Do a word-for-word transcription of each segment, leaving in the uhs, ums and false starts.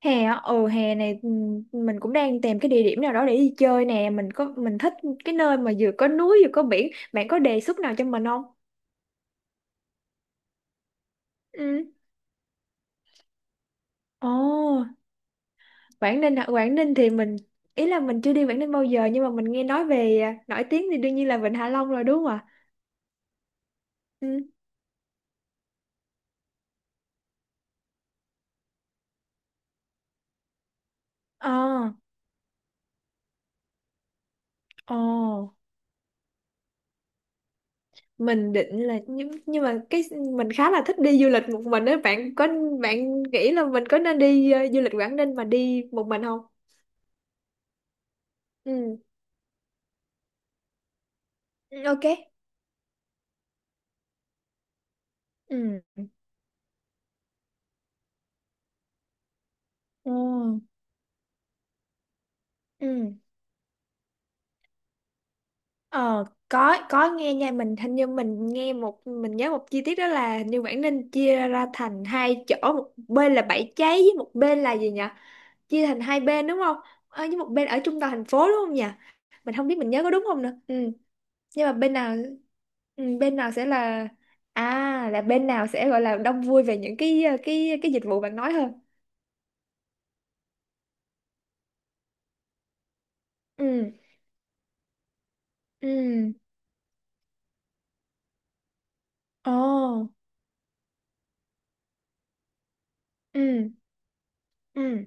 Hè á, ừ, hè này, ừ, mình cũng đang tìm cái địa điểm nào đó để đi chơi nè. Mình có mình thích cái nơi mà vừa có núi vừa có biển. Bạn có đề xuất nào cho mình không? Ừ. Ồ, Quảng Ninh hả? Quảng Ninh thì mình, ý là mình chưa đi Quảng Ninh bao giờ, nhưng mà mình nghe nói về, à, nổi tiếng thì đương nhiên là Vịnh Hạ Long rồi, đúng không ạ? Ừ. Ờ. Ồ, mình định là, nhưng, nhưng mà cái mình khá là thích đi du lịch một mình á. Bạn có bạn nghĩ là mình có nên đi ờ, du lịch Quảng Ninh mà đi một mình không? Ừ. Ok. Ừ. Ừ. Ừ. Ờ, có có nghe nha. Mình hình như mình nghe, một mình nhớ một chi tiết đó là hình như Quảng Ninh chia ra thành hai chỗ, một bên là Bãi Cháy với một bên là gì nhỉ? Chia thành hai bên đúng không? Ờ, với một bên ở trung tâm thành phố đúng không nhỉ? Mình không biết mình nhớ có đúng không nữa. Ừ. Nhưng mà bên nào, ừ, bên nào sẽ là, à là bên nào sẽ gọi là đông vui về những cái cái cái dịch vụ bạn nói hơn? Ừ. Ừ. Ồ. Ừ. Ừ.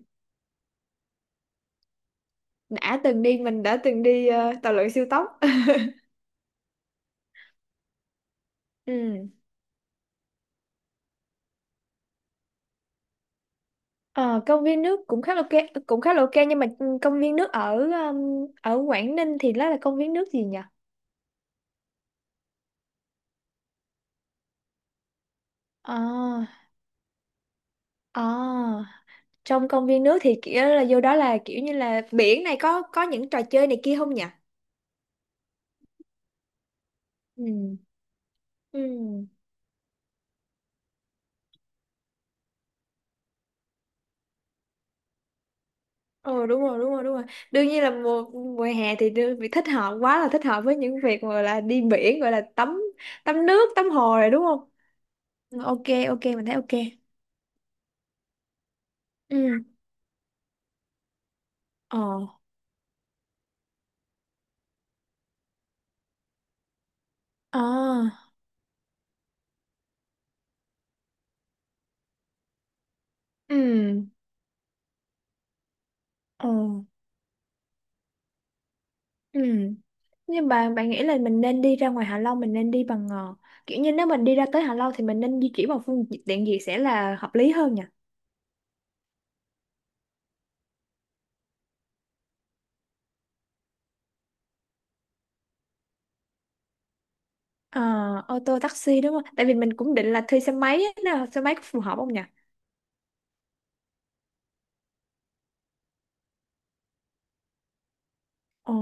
đã từng đi mình đã từng đi ờ, tàu lượn siêu tốc. Ừ. Ờ, công viên nước cũng khá là ok, cũng khá là ok nhưng mà ừ, công viên nước ở um, ở Quảng Ninh thì đó là công viên nước gì nhỉ? Ờ ờ, trong công viên nước thì kiểu là vô đó là kiểu như là biển này, có có những trò chơi này kia không nhỉ? Ừ. Ừ. Ờ, đúng rồi, đúng rồi, đúng rồi. Đương nhiên là mùa mùa hè thì đương, vì thích hợp, quá là thích hợp với những việc gọi là đi biển, gọi là tắm tắm nước, tắm hồ rồi, đúng không? Ừ, ok, ok, mình thấy ok. Ừ. Ờ. Ờ. Ừ. Ờ. Ừ. Nhưng bà bạn nghĩ là mình nên đi ra ngoài Hạ Long, mình nên đi bằng, ờ, kiểu như nếu mình đi ra tới Hạ Long thì mình nên di chuyển bằng phương tiện gì sẽ là hợp lý hơn nhỉ? Ờ, ô tô taxi đúng không? Tại vì mình cũng định là thuê xe máy á, nào, xe máy có phù hợp không nhỉ? Ồ.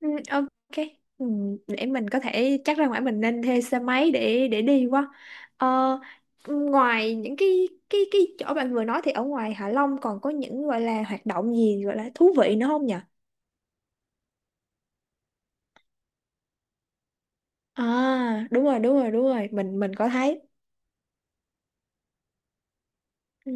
Ừ, ok. Ừ, để mình có thể chắc, ra ngoài mình nên thuê xe máy để để đi quá. Ờ, ngoài những cái cái cái chỗ bạn vừa nói thì ở ngoài Hạ Long còn có những gọi là hoạt động gì gọi là thú vị nữa không nhỉ? À, đúng rồi, đúng rồi, đúng rồi, mình mình có thấy. Ừ.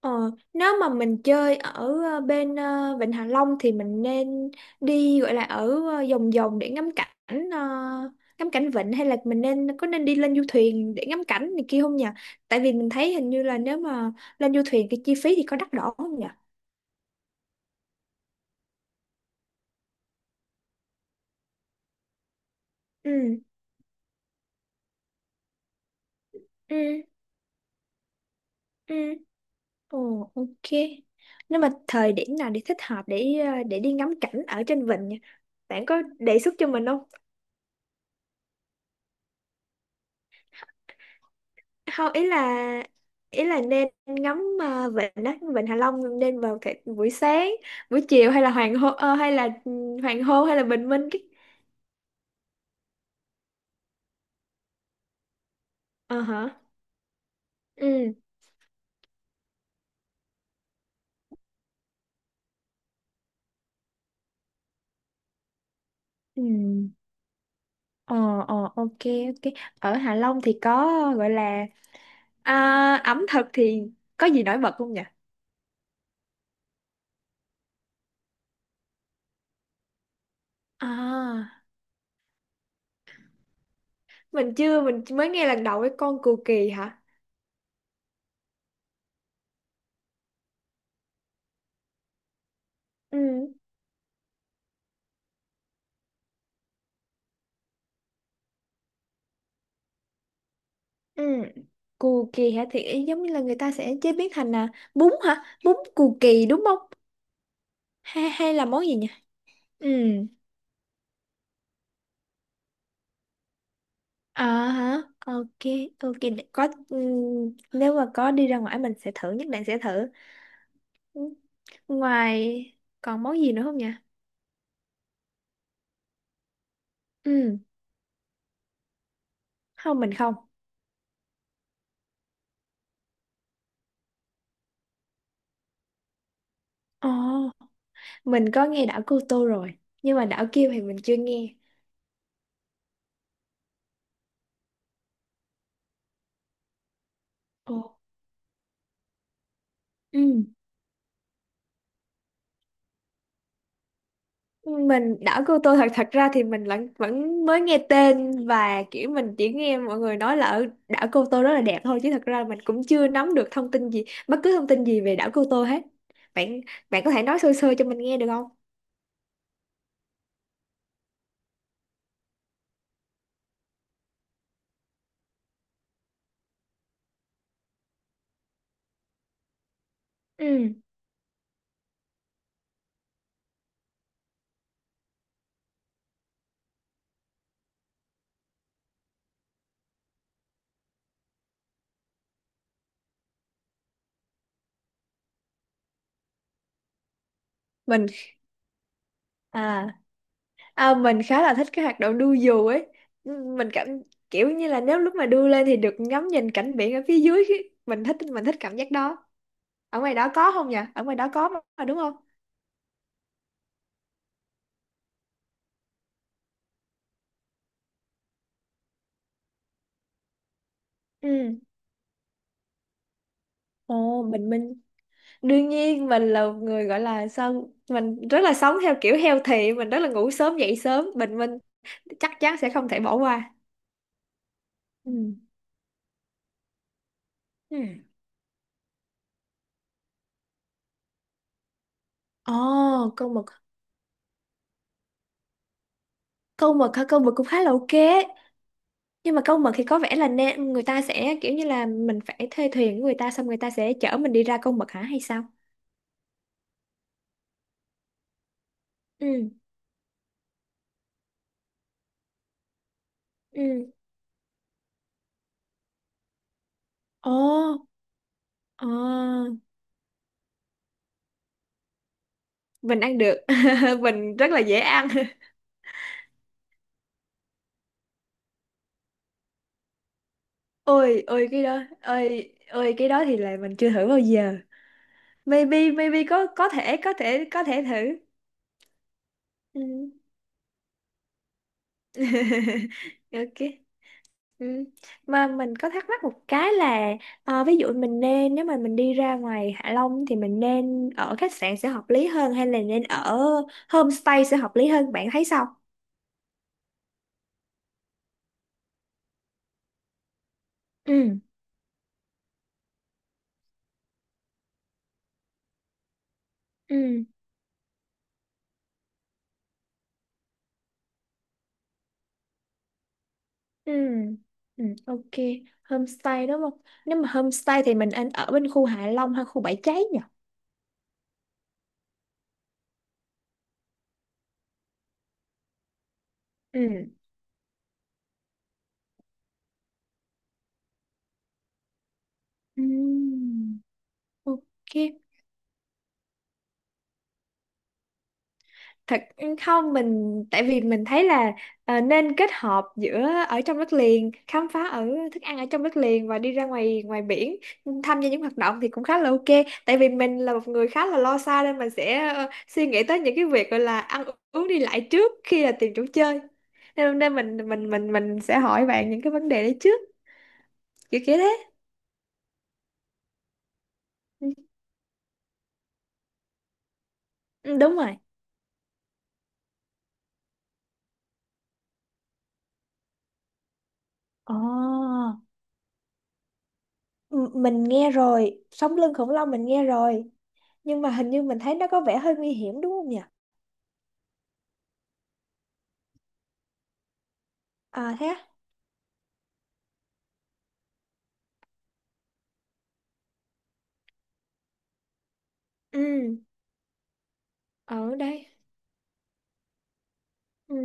Ờ, nếu mà mình chơi ở ờ, bên, ờ, Vịnh Hạ Long thì mình nên đi gọi là ở, ờ, vòng vòng để ngắm cảnh ờ, ngắm cảnh vịnh, hay là mình nên có nên đi lên du thuyền để ngắm cảnh này kia không nhỉ? Tại vì mình thấy hình như là nếu mà lên du thuyền cái chi phí thì có đắt đỏ không nhỉ? Ừ, ừ, ừ. Ồ, ok. Nếu mà thời điểm nào để thích hợp để, ờ, để đi ngắm cảnh ở trên vịnh nhỉ? Bạn có đề xuất cho mình không? Không, ý là ý là nên ngắm, ờ, vịnh á, vịnh Hạ Long nên vào cái buổi sáng, buổi chiều hay là hoàng hôn, ờ, hay là ừ, hoàng hôn hay là bình minh cái. Ờ hả? Ừ. Ừ. Ờ, ờ, ok, ok. Ở Hạ Long thì có gọi là, à, ẩm thực thì có gì nổi bật không nhỉ? À, mình chưa mình mới nghe lần đầu, cái con cù kỳ hả? Ừ, ừ, cù kỳ hả? Thì ý giống như là người ta sẽ chế biến thành, à, bún hả? Bún cù kỳ đúng không? Hay hay là món gì nhỉ? Ừ. À. Hả? Ok, ok, để- có. Ừ, nếu mà có đi ra ngoài mình sẽ thử, nhất định sẽ thử. Ừ. Ngoài còn món gì nữa không nhỉ? Ừ, không, mình không. Ồ, mình có nghe đảo Cô Tô rồi, nhưng mà đảo kia thì mình chưa nghe. Ồ. Ừ, mình, đảo Cô Tô, thật thật ra thì mình vẫn vẫn mới nghe tên, và kiểu mình chỉ nghe mọi người nói là ở đảo Cô Tô rất là đẹp thôi, chứ thật ra mình cũng chưa nắm được thông tin gì, bất cứ thông tin gì về đảo Cô Tô hết. Bạn bạn có thể nói sơ sơ cho mình nghe được không? Ừ. mình à, à Mình khá là thích cái hoạt động đu dù ấy. Ừ, mình cảm kiểu như là nếu lúc mà đu lên thì được ngắm nhìn cảnh biển ở phía dưới, mình thích mình thích cảm giác đó. Ở ngoài đó có không nhỉ? Ở ngoài đó có mà, đúng không? Ừ. Ồ, bình minh, đương nhiên mình là một người gọi là, sao, mình rất là sống theo kiểu healthy, mình rất là ngủ sớm dậy sớm, bình minh chắc chắn sẽ không thể bỏ qua. Ừ. Ừ. Ồ, câu mực, câu mực hả? Câu mực cũng khá là ok, nhưng mà câu mực thì có vẻ là, nên người ta sẽ kiểu như là mình phải thuê thuyền của người ta, xong người ta sẽ chở mình đi ra câu mực hả hay sao? Ừ. Ừ. Ồ. Ờ, mình ăn được. Mình rất là dễ ăn. Ôi ôi, cái đó, ôi ôi, cái đó thì là mình chưa thử bao giờ. Maybe, maybe có có thể có thể có thể thử. Ừ. Ok. Ừ. Mà mình có thắc mắc một cái là, ờ, ví dụ mình nên, nếu mà mình đi ra ngoài Hạ Long thì mình nên ở khách sạn sẽ hợp lý hơn hay là nên ở homestay sẽ hợp lý hơn, bạn thấy sao? Ừ. Ừ. Ừ. Ừ. Ok. Homestay đúng không? Nếu mà homestay thì mình nên ở bên khu Hạ Long hay khu Bãi Cháy nhỉ? Ừ. Ừ. Ok. Thật, không, mình tại vì mình thấy là, ờ, nên kết hợp giữa ở trong đất liền, khám phá ở thức ăn ở trong đất liền và đi ra ngoài ngoài biển, ừ, tham gia những hoạt động thì cũng khá là ok. Tại vì mình là một người khá là lo xa nên mình sẽ, ờ, suy nghĩ tới những cái việc gọi là ăn uống đi lại trước khi là tìm chỗ chơi, nên, nên mình mình mình mình sẽ hỏi bạn những cái vấn đề đấy trước, kiểu kiểu thế. Ừ, đúng rồi. Ồ. M- mình nghe rồi, sống lưng khủng long mình nghe rồi, nhưng mà hình như mình thấy nó có vẻ hơi nguy hiểm đúng không nhỉ? À, thế á? Ừ. Ở đây. Ừ.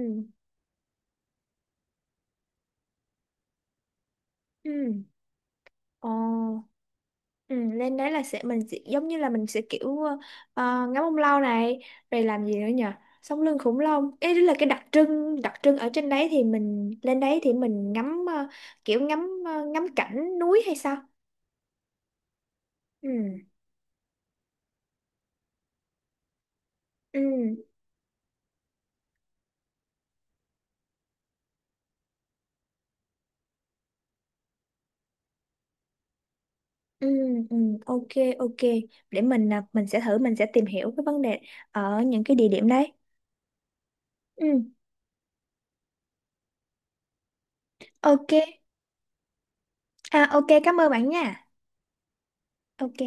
Ừ. Ồ. Ừ, lên đấy là sẽ, mình sẽ giống như là mình sẽ kiểu, ờ, ngắm ông lâu này, rồi làm gì nữa nhỉ? Sống lưng khủng long ấy là cái đặc trưng, đặc trưng ở trên đấy thì mình lên đấy thì mình ngắm ờ, kiểu ngắm ờ, ngắm cảnh núi hay sao? Ừ. Ừ. Ừ, ừ, ok, ok. Để mình à, mình sẽ thử, mình sẽ tìm hiểu cái vấn đề ở những cái địa điểm đấy. Ừ, ok. À, ok, cảm ơn bạn nha. Ok.